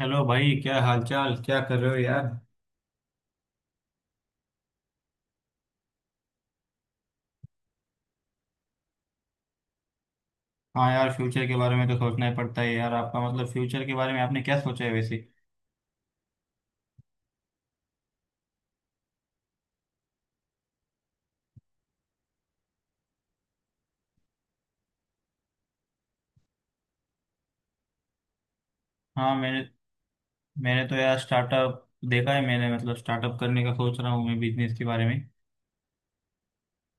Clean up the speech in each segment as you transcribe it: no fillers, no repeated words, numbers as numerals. Hello भाई, क्या हालचाल, क्या कर रहे हो यार। हाँ यार, फ्यूचर के बारे में तो सोचना ही पड़ता है यार। आपका मतलब फ्यूचर के बारे में आपने क्या सोचा है वैसे? हाँ, मैंने मैंने तो यार स्टार्टअप देखा है। मैंने मतलब स्टार्टअप करने का सोच रहा हूँ मैं, बिजनेस के बारे में।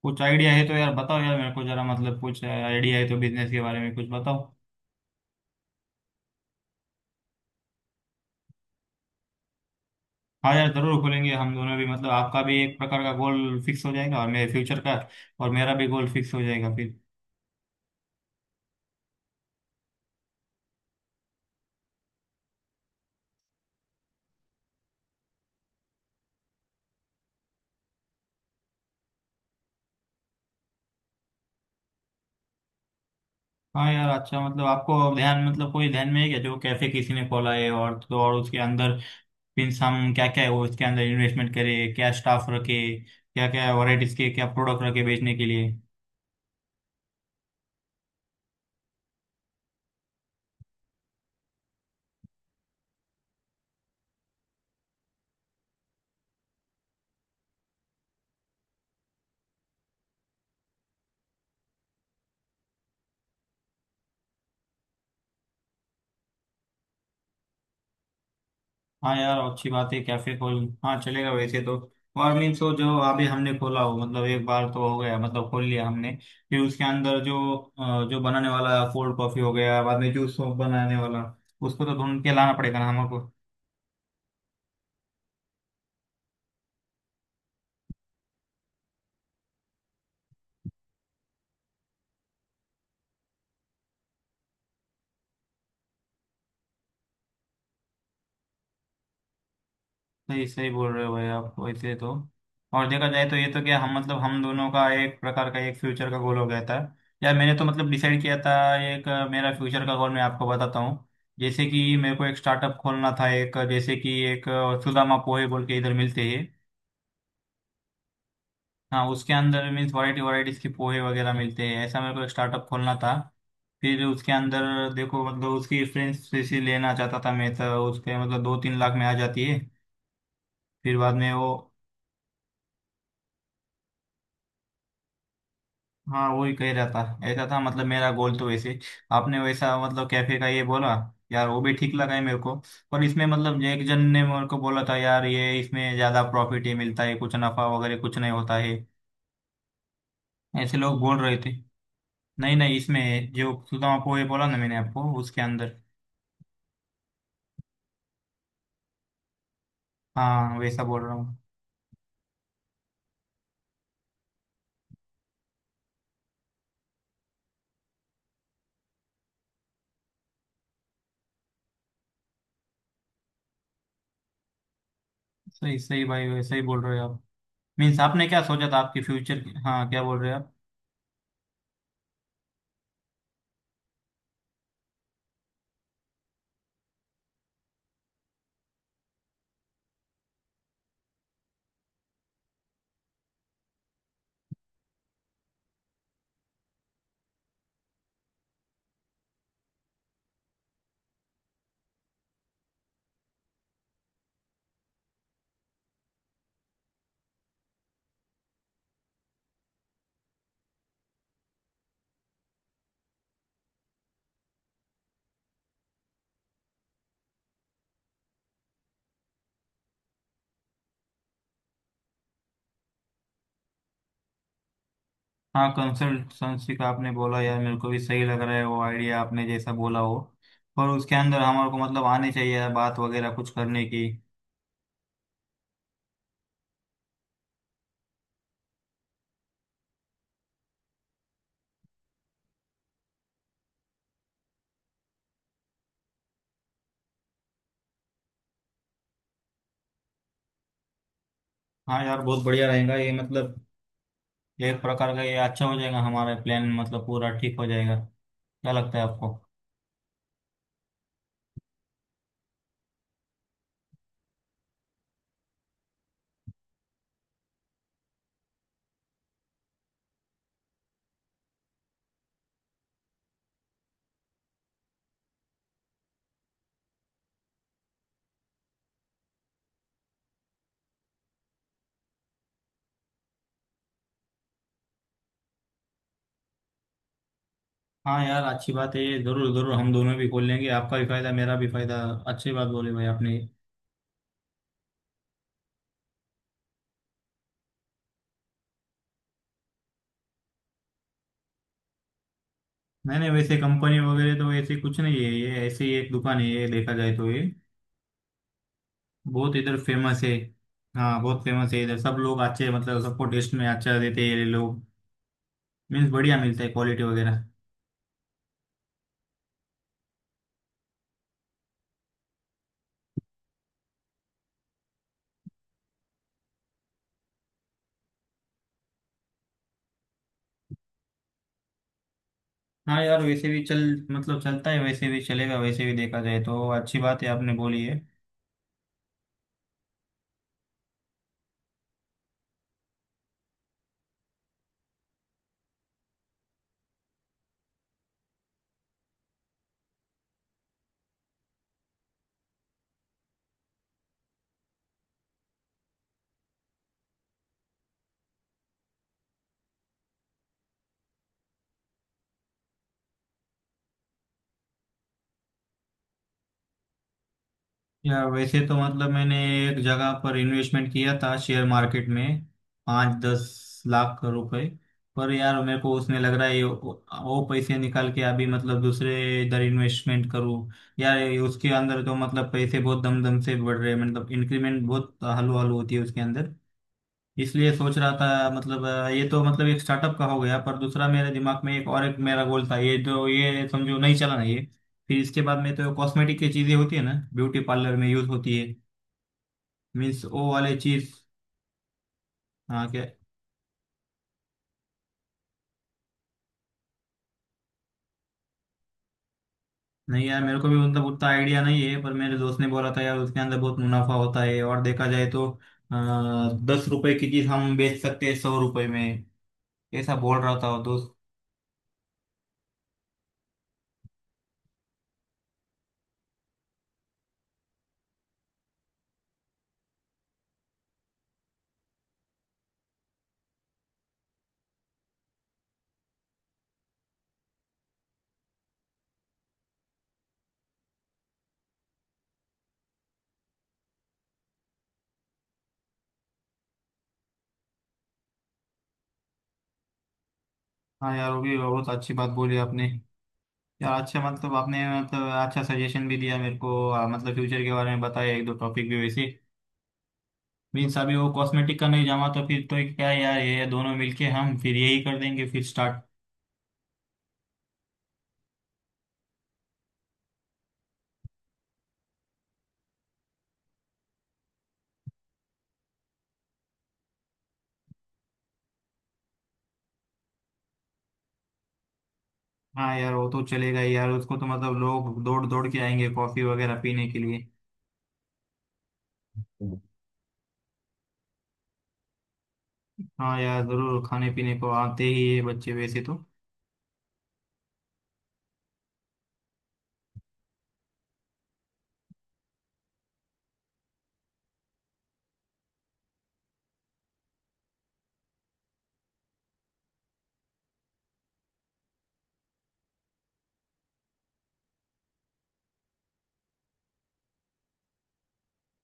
कुछ आइडिया है तो यार बताओ, यार मेरे को जरा। मतलब कुछ आइडिया है तो बिजनेस के बारे में कुछ बताओ। हाँ यार, जरूर खोलेंगे हम दोनों भी। मतलब आपका भी एक प्रकार का गोल फिक्स हो जाएगा और मेरे फ्यूचर का। और मेरा भी गोल फिक्स हो जाएगा फिर। हाँ यार, अच्छा, मतलब आपको ध्यान, मतलब कोई ध्यान में है क्या जो कैफे किसी ने खोला है? और तो और उसके अंदर मीन्स हम क्या क्या है वो इसके अंदर इन्वेस्टमेंट करें, क्या स्टाफ रखे, क्या क्या वैराइटीज के क्या प्रोडक्ट रखे बेचने के लिए। हाँ यार, अच्छी बात है, कैफे खोल। हाँ चलेगा, वैसे तो। और मीन्स वो जो अभी हमने खोला हो, मतलब एक बार तो हो गया, मतलब खोल लिया हमने। फिर उसके अंदर जो जो बनाने वाला कोल्ड कॉफी हो गया, बाद में जूस बनाने वाला उसको तो ढूंढ के लाना पड़ेगा ना हमको। सही सही बोल रहे हो भाई आप, वैसे तो। और देखा जाए तो ये तो क्या हम, मतलब हम दोनों का एक प्रकार का एक फ्यूचर का गोल हो गया था। यार मैंने तो मतलब डिसाइड किया था एक मेरा फ्यूचर का गोल मैं आपको बताता हूँ। जैसे कि मेरे को एक स्टार्टअप खोलना था, एक जैसे कि एक सुदामा पोहे बोल के इधर मिलते हैं। हाँ, उसके अंदर मीन्स वैरायटीज के पोहे वगैरह मिलते हैं, ऐसा मेरे को एक स्टार्टअप खोलना था। फिर उसके अंदर देखो, मतलब उसकी रेफरेंस लेना चाहता था मैं। तो उसके मतलब 2-3 लाख में आ जाती है। फिर बाद में वो, हाँ वही कह रहा था, ऐसा था। मतलब मेरा गोल तो वैसे आपने वैसा मतलब कैफे का ये बोला, यार वो भी ठीक लगा है मेरे को। पर इसमें मतलब एक जन ने मेरे को बोला था यार, ये इसमें ज्यादा प्रॉफिट ही मिलता है, कुछ नफा वगैरह कुछ नहीं होता है, ऐसे लोग बोल रहे थे। नहीं नहीं, इसमें जो सुदामा पोहे बोला ना मैंने आपको उसके अंदर। हाँ वैसा बोल रहा हूँ। सही सही भाई वैसा ही बोल रहे हो आप। मीन्स आपने क्या सोचा था आपके फ्यूचर, हाँ क्या बोल रहे हो आप? हाँ, कंसल्टेंसी का आपने बोला यार, मेरे को भी सही लग रहा है वो आइडिया आपने जैसा बोला हो। और उसके अंदर हमारे को मतलब आने चाहिए यार बात वगैरह कुछ करने की। हाँ यार बहुत बढ़िया रहेगा ये, मतलब एक प्रकार का ये अच्छा हो जाएगा हमारा प्लान, मतलब पूरा ठीक हो जाएगा। क्या लगता है आपको? हाँ यार अच्छी बात है ये, जरूर जरूर हम दोनों भी खोल लेंगे, आपका भी फायदा मेरा भी फायदा। अच्छी बात बोली भाई आपने। नहीं नहीं, वैसे कंपनी वगैरह तो ऐसे कुछ नहीं है, ये ऐसे ही एक दुकान है ये, देखा जाए तो ये बहुत इधर फेमस है। हाँ बहुत फेमस है इधर, सब लोग अच्छे, मतलब सबको टेस्ट में अच्छा देते हैं ये लोग। मीन्स बढ़िया मिलता है क्वालिटी वगैरह। हाँ यार वैसे भी चल, मतलब चलता है, वैसे भी चलेगा, वैसे भी देखा जाए तो अच्छी बात है आपने बोली है। यार वैसे तो मतलब मैंने एक जगह पर इन्वेस्टमेंट किया था शेयर मार्केट में, 5-10 लाख रुपए। पर यार मेरे को उसमें लग रहा है ये वो पैसे निकाल के अभी मतलब दूसरे इधर इन्वेस्टमेंट करूँ। यार ये उसके अंदर तो मतलब पैसे बहुत दम दम से बढ़ रहे हैं, मतलब इंक्रीमेंट बहुत हलू हलू होती है उसके अंदर। इसलिए सोच रहा था, मतलब ये तो मतलब एक स्टार्टअप का हो गया, पर दूसरा मेरे दिमाग में एक और एक मेरा गोल था ये, जो ये समझो नहीं चला ना ये। फिर इसके बाद में तो कॉस्मेटिक की चीजें होती है ना, ब्यूटी पार्लर में यूज होती है। मीन्स वो वाले चीज। हाँ क्या? नहीं यार मेरे को भी मतलब उतना आइडिया नहीं है, पर मेरे दोस्त ने बोला था यार उसके अंदर बहुत मुनाफा होता है, और देखा जाए तो 10 रुपए की चीज हम बेच सकते हैं 100 रुपए में, ऐसा बोल रहा था वो दोस्त। हाँ यार वो भी बहुत अच्छी बात बोली आपने। यार अच्छा, मतलब आपने मतलब अच्छा सजेशन भी दिया मेरे को मतलब फ्यूचर के बारे में बताया एक दो टॉपिक भी वैसे। मीन्स अभी वो कॉस्मेटिक का नहीं जमा, तो फिर तो क्या यार, ये दोनों मिलके हम फिर यही कर देंगे, फिर स्टार्ट। हाँ यार वो तो चलेगा ही यार, उसको तो मतलब लोग दौड़ दौड़ के आएंगे कॉफी वगैरह पीने के लिए। हाँ यार जरूर, खाने पीने को आते ही है बच्चे वैसे तो।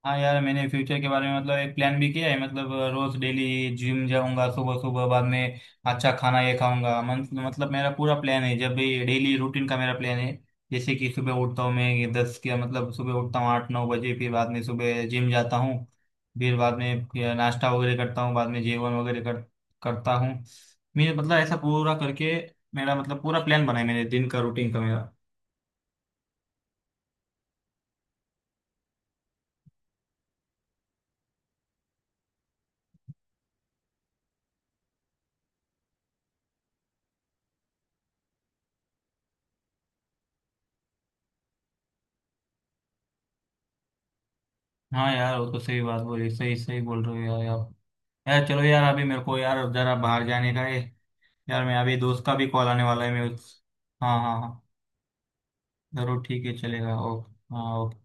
हाँ यार मैंने फ्यूचर के बारे में मतलब एक प्लान भी किया है, मतलब रोज डेली जिम जाऊंगा सुबह सुबह, बाद में अच्छा खाना ये खाऊंगा, मतलब मेरा पूरा प्लान है जब भी, डेली रूटीन का मेरा प्लान है। जैसे कि सुबह उठता हूँ मैं ये दस के, मतलब सुबह उठता हूँ 8-9 बजे, फिर बाद में सुबह जिम जाता हूँ, फिर बाद में फिर नाश्ता वगैरह करता हूँ, बाद में जेवन वगैरह करता हूँ। मेरे मतलब ऐसा पूरा करके मेरा मतलब पूरा प्लान बना है मेरे दिन का, रूटीन का मेरा। हाँ यार वो तो सही बात बोली, सही सही बोल रहे हो यार आप। यार चलो यार अभी मेरे को यार जरा बाहर जाने का है यार, मैं अभी दोस्त का भी कॉल आने वाला है, मैं उस, हाँ हाँ हाँ। जरूर, ठीक है, चलेगा, ओके, हाँ ओके।